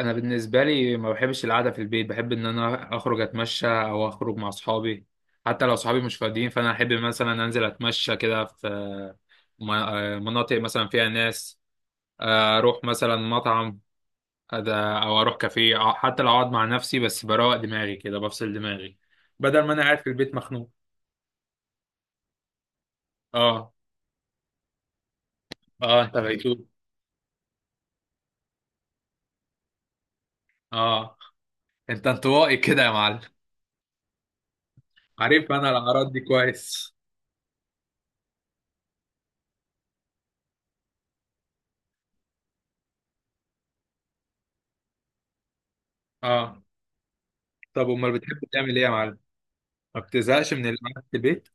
انا بالنسبه لي ما بحبش القعده في البيت. بحب ان انا اخرج اتمشى او اخرج مع اصحابي. حتى لو اصحابي مش فاضيين فانا احب مثلا انزل اتمشى كده في مناطق مثلا فيها ناس. اروح مثلا مطعم. أد- او اروح كافيه، أو حتى لو اقعد مع نفسي بس بروق دماغي كده بفصل دماغي بدل ما انا قاعد في البيت مخنوق. اه. اه، انت بيتوت. اه، انت انطوائي كده يا معلم. عارف انا الاعراض دي كويس. اه. طب امال بتحب تعمل ايه يا معلم؟ ما بتزهقش من القعده في البيت؟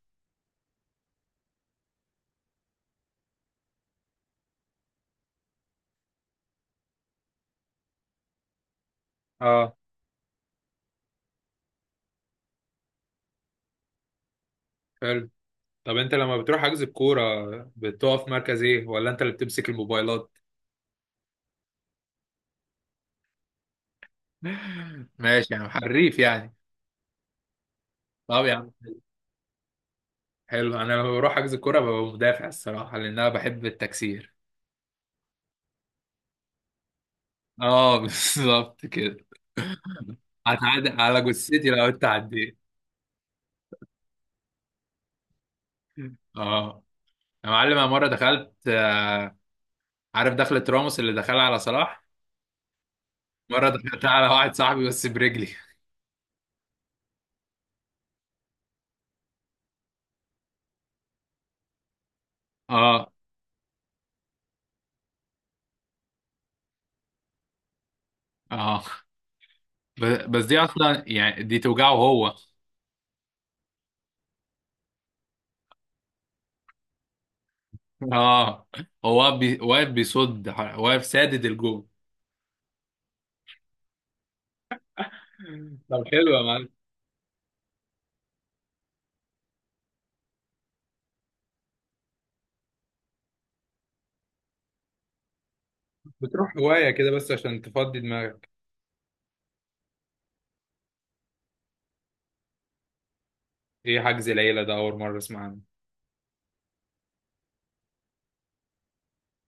اه. حلو. طب انت لما بتروح حجز الكوره، بتقف في مركز ايه ولا انت اللي بتمسك الموبايلات؟ ماشي يا عم، حريف يعني. طب يا عم، حلو. انا لما بروح حجز الكوره ببقى مدافع الصراحه، لان انا بحب التكسير. اه بالظبط كده. هتعدي على جثتي لو انت عديت. اه يا معلم، انا مره دخلت، عارف دخلة راموس اللي دخلها على صلاح؟ مره دخلتها على واحد صاحبي بس برجلي. اه. اه، بس دي اصلا يعني دي توجعه هو اه. هو واقف واقف بيصد. واقف سادد الجو. طب حلو يا معلم. بتروح هواية كده بس عشان تفضي دماغك. ايه حجز العيلة ده؟ أول مرة أسمع عنه.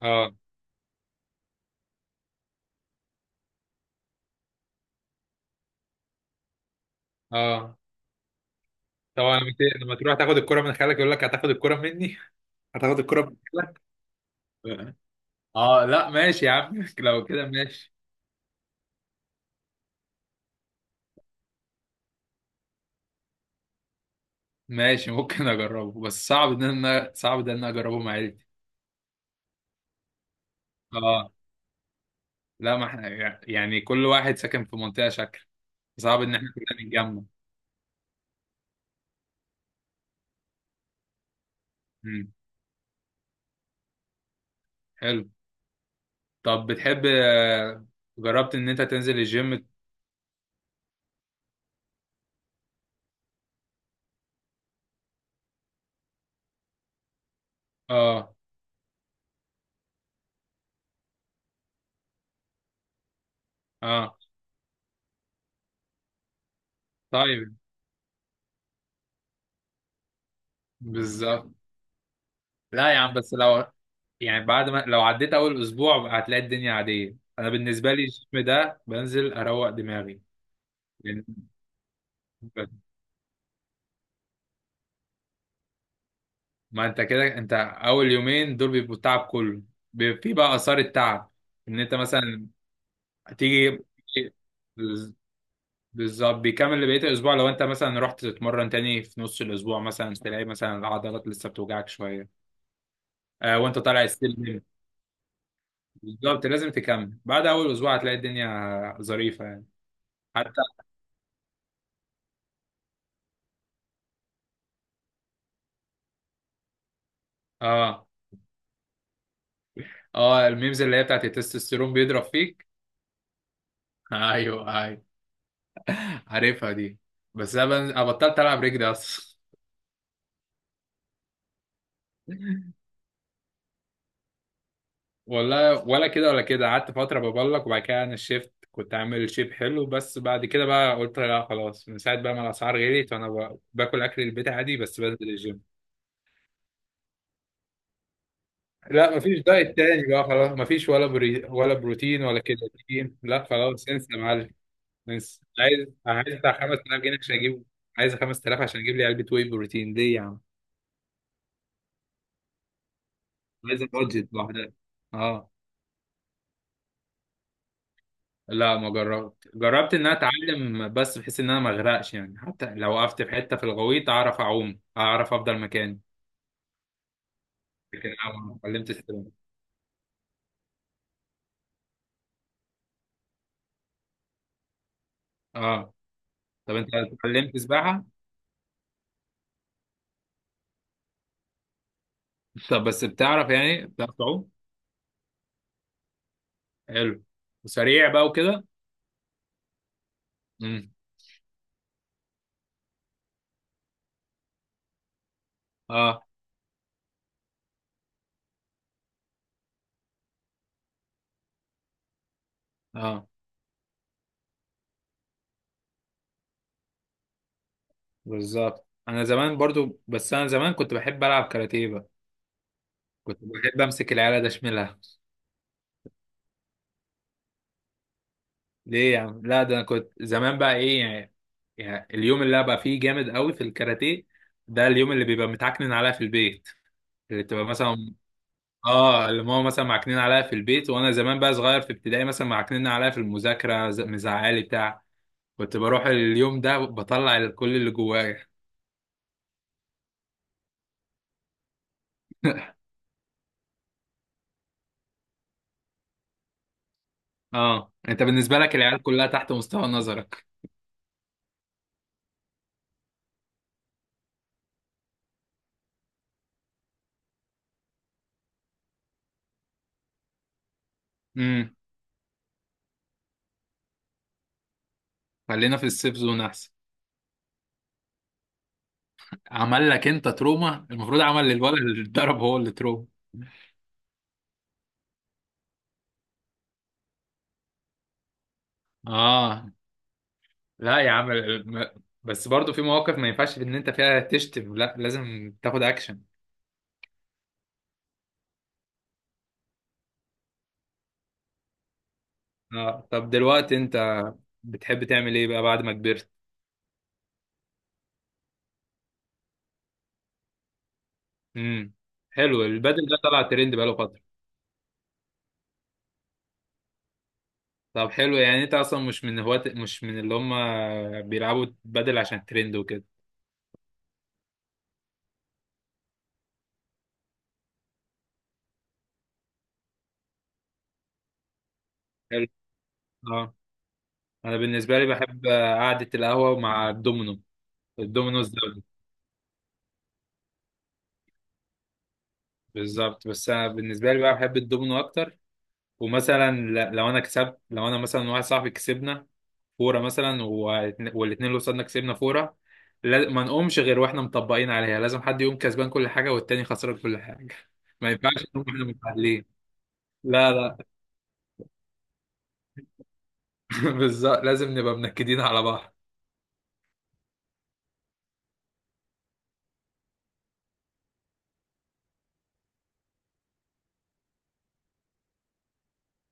اه. اه، طبعا لما لما تروح تاخد الكرة من خالك يقول لك: هتاخد الكرة مني؟ هتاخد الكرة من خالك. اه، لا ماشي يا عم لو كده ماشي. ماشي، ممكن اجربه، بس صعب ان انا، صعب ده ان انا اجربه مع عيلتي. اه. لا ما احنا، يعني كل واحد ساكن في منطقة شكل. صعب ان احنا كلنا نتجمع. امم. حلو. طب بتحب جربت ان انت تنزل الجيم؟ اه. اه. طيب. بالظبط. لا يا عم، بس لو، يعني بعد ما لو عديت اول اسبوع هتلاقي الدنيا عاديه. انا بالنسبه لي الجيم ده بنزل اروق دماغي. لأن- ما انت كده، انت اول يومين دول بيبقوا التعب كله. بيبقى في بقى اثار التعب ان انت مثلا تيجي. بالظبط، بيكمل بقية الأسبوع. لو أنت مثلا رحت تتمرن تاني في نص الأسبوع مثلا، تلاقي مثلا العضلات لسه بتوجعك شوية. آه، وأنت طالع السلم. بالظبط، لازم تكمل. بعد أول أسبوع هتلاقي الدنيا ظريفة يعني. حتى. آه. آه، الميمز اللي هي بتاعت التستوستيرون بيضرب فيك. أيوه أيوه، عارفها دي. بس أنا بطلت ألعب رجلي أصلا. والله ولا كده ولا كده. قعدت فترة ببلك، وبعد كده انا الشيفت كنت عامل شيب حلو. بس بعد كده بقى قلت لا خلاص، من ساعة بقى ما الأسعار غليت وأنا باكل أكل البيت عادي بس بنزل الجيم. لا، مفيش دايت تاني بقى خلاص. مفيش ولا بري ولا بروتين ولا كرياتين. لا خلاص، انسى يا معلم. انسى. عايز بتاع 5000 جنيه عشان أجيب. عايز 5000 عشان أجيب لي علبة واي بروتين دي يا عم. عايز البادجت لوحدها. اه. لا ما جربت. جربت ان انا اتعلم بس بحيث ان انا ما اغرقش يعني، حتى لو وقفت في حته في الغويط اعرف اعوم، اعرف افضل مكاني. لكن انا ما اتعلمتش سباحه. اه. طب انت اتعلمت سباحه؟ طب بس بتعرف يعني، بتعرف تعوم؟ حلو. وسريع بقى وكده؟ امم. اه. اه، بالظبط. انا زمان برضو، بس انا زمان كنت بحب العب كاراتيه بقى. كنت بحب امسك العيال ده اشملها. ليه يا عم؟ لا ده انا كنت زمان بقى ايه يعني. يعني اليوم اللي ابقى فيه جامد قوي في الكاراتيه، ده اليوم اللي بيبقى متعكنن عليها في البيت. اللي بتبقى مثلا، اه، اللي ماما مثلا معكنين عليها في البيت، وانا زمان بقى صغير في ابتدائي مثلا معكنين عليها في المذاكره، مزعلي بتاع. كنت بروح اليوم ده بطلع كل اللي جوايا. اه، انت بالنسبه لك العيال كلها تحت مستوى نظرك. امم. خلينا في السيف زون احسن. عمل لك انت تروما؟ المفروض عمل للولد اللي اتضرب هو اللي تروما. اه. لا يا عم، بس برضو في مواقف ما ينفعش ان انت فيها تشتم، لا لازم تاخد اكشن. اه. طب دلوقتي انت بتحب تعمل ايه بقى بعد ما كبرت؟ امم. حلو، البدل ده طلع ترند بقاله فترة. طب حلو، يعني انت اصلا مش من هواة، مش من اللي هم بيلعبوا بدل عشان ترند وكده. حلو. اه. انا بالنسبة لي بحب قعدة القهوة مع الدومينو. الدومينو الزوجي. بالظبط، بس انا بالنسبة لي بقى بحب الدومينو اكتر. ومثلا لو انا كسبت، لو انا مثلا واحد صاحبي كسبنا فوره مثلا، والاتنين اللي قصادنا كسبنا فوره، ما نقومش غير واحنا مطبقين عليها. لازم حد يقوم كسبان كل حاجه والتاني خسران كل حاجه. ما ينفعش نقوم احنا متعادلين. لا لا. بالظبط، لازم نبقى منكدين على بعض.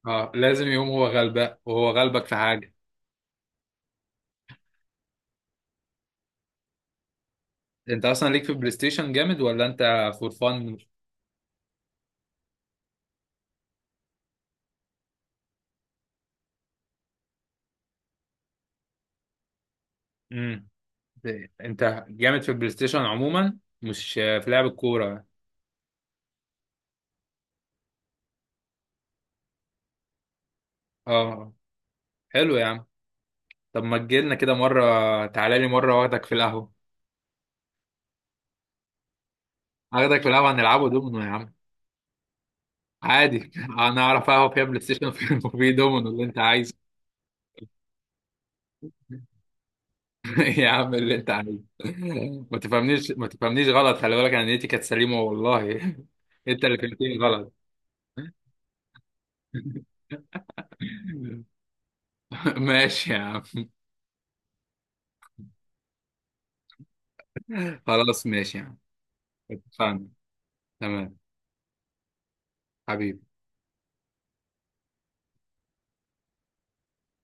اه، لازم يقوم هو غلبان وهو غلبك في حاجه. انت اصلا ليك في البلاي ستيشن جامد ولا انت فور فن؟ امم. انت جامد في البلاي ستيشن عموما مش في لعب الكوره. اه. حلو يا عم. طب ما تجيلنا كده مرة، تعالى لي مرة واخدك في القهوة. اخدك في القهوة هنلعبوا دومينو يا عم. عادي انا اعرف قهوة فيها بلاي ستيشن وفي وفي دومينو اللي انت عايزه. يا عم اللي انت عايزه. ما تفهمنيش، ما تفهمنيش غلط، خلي بالك انا نيتي كانت سليمة والله انت اللي فهمتني غلط. ماشي يا عم. خلاص ماشي يا عم. اتفقنا. تمام. حبيبي.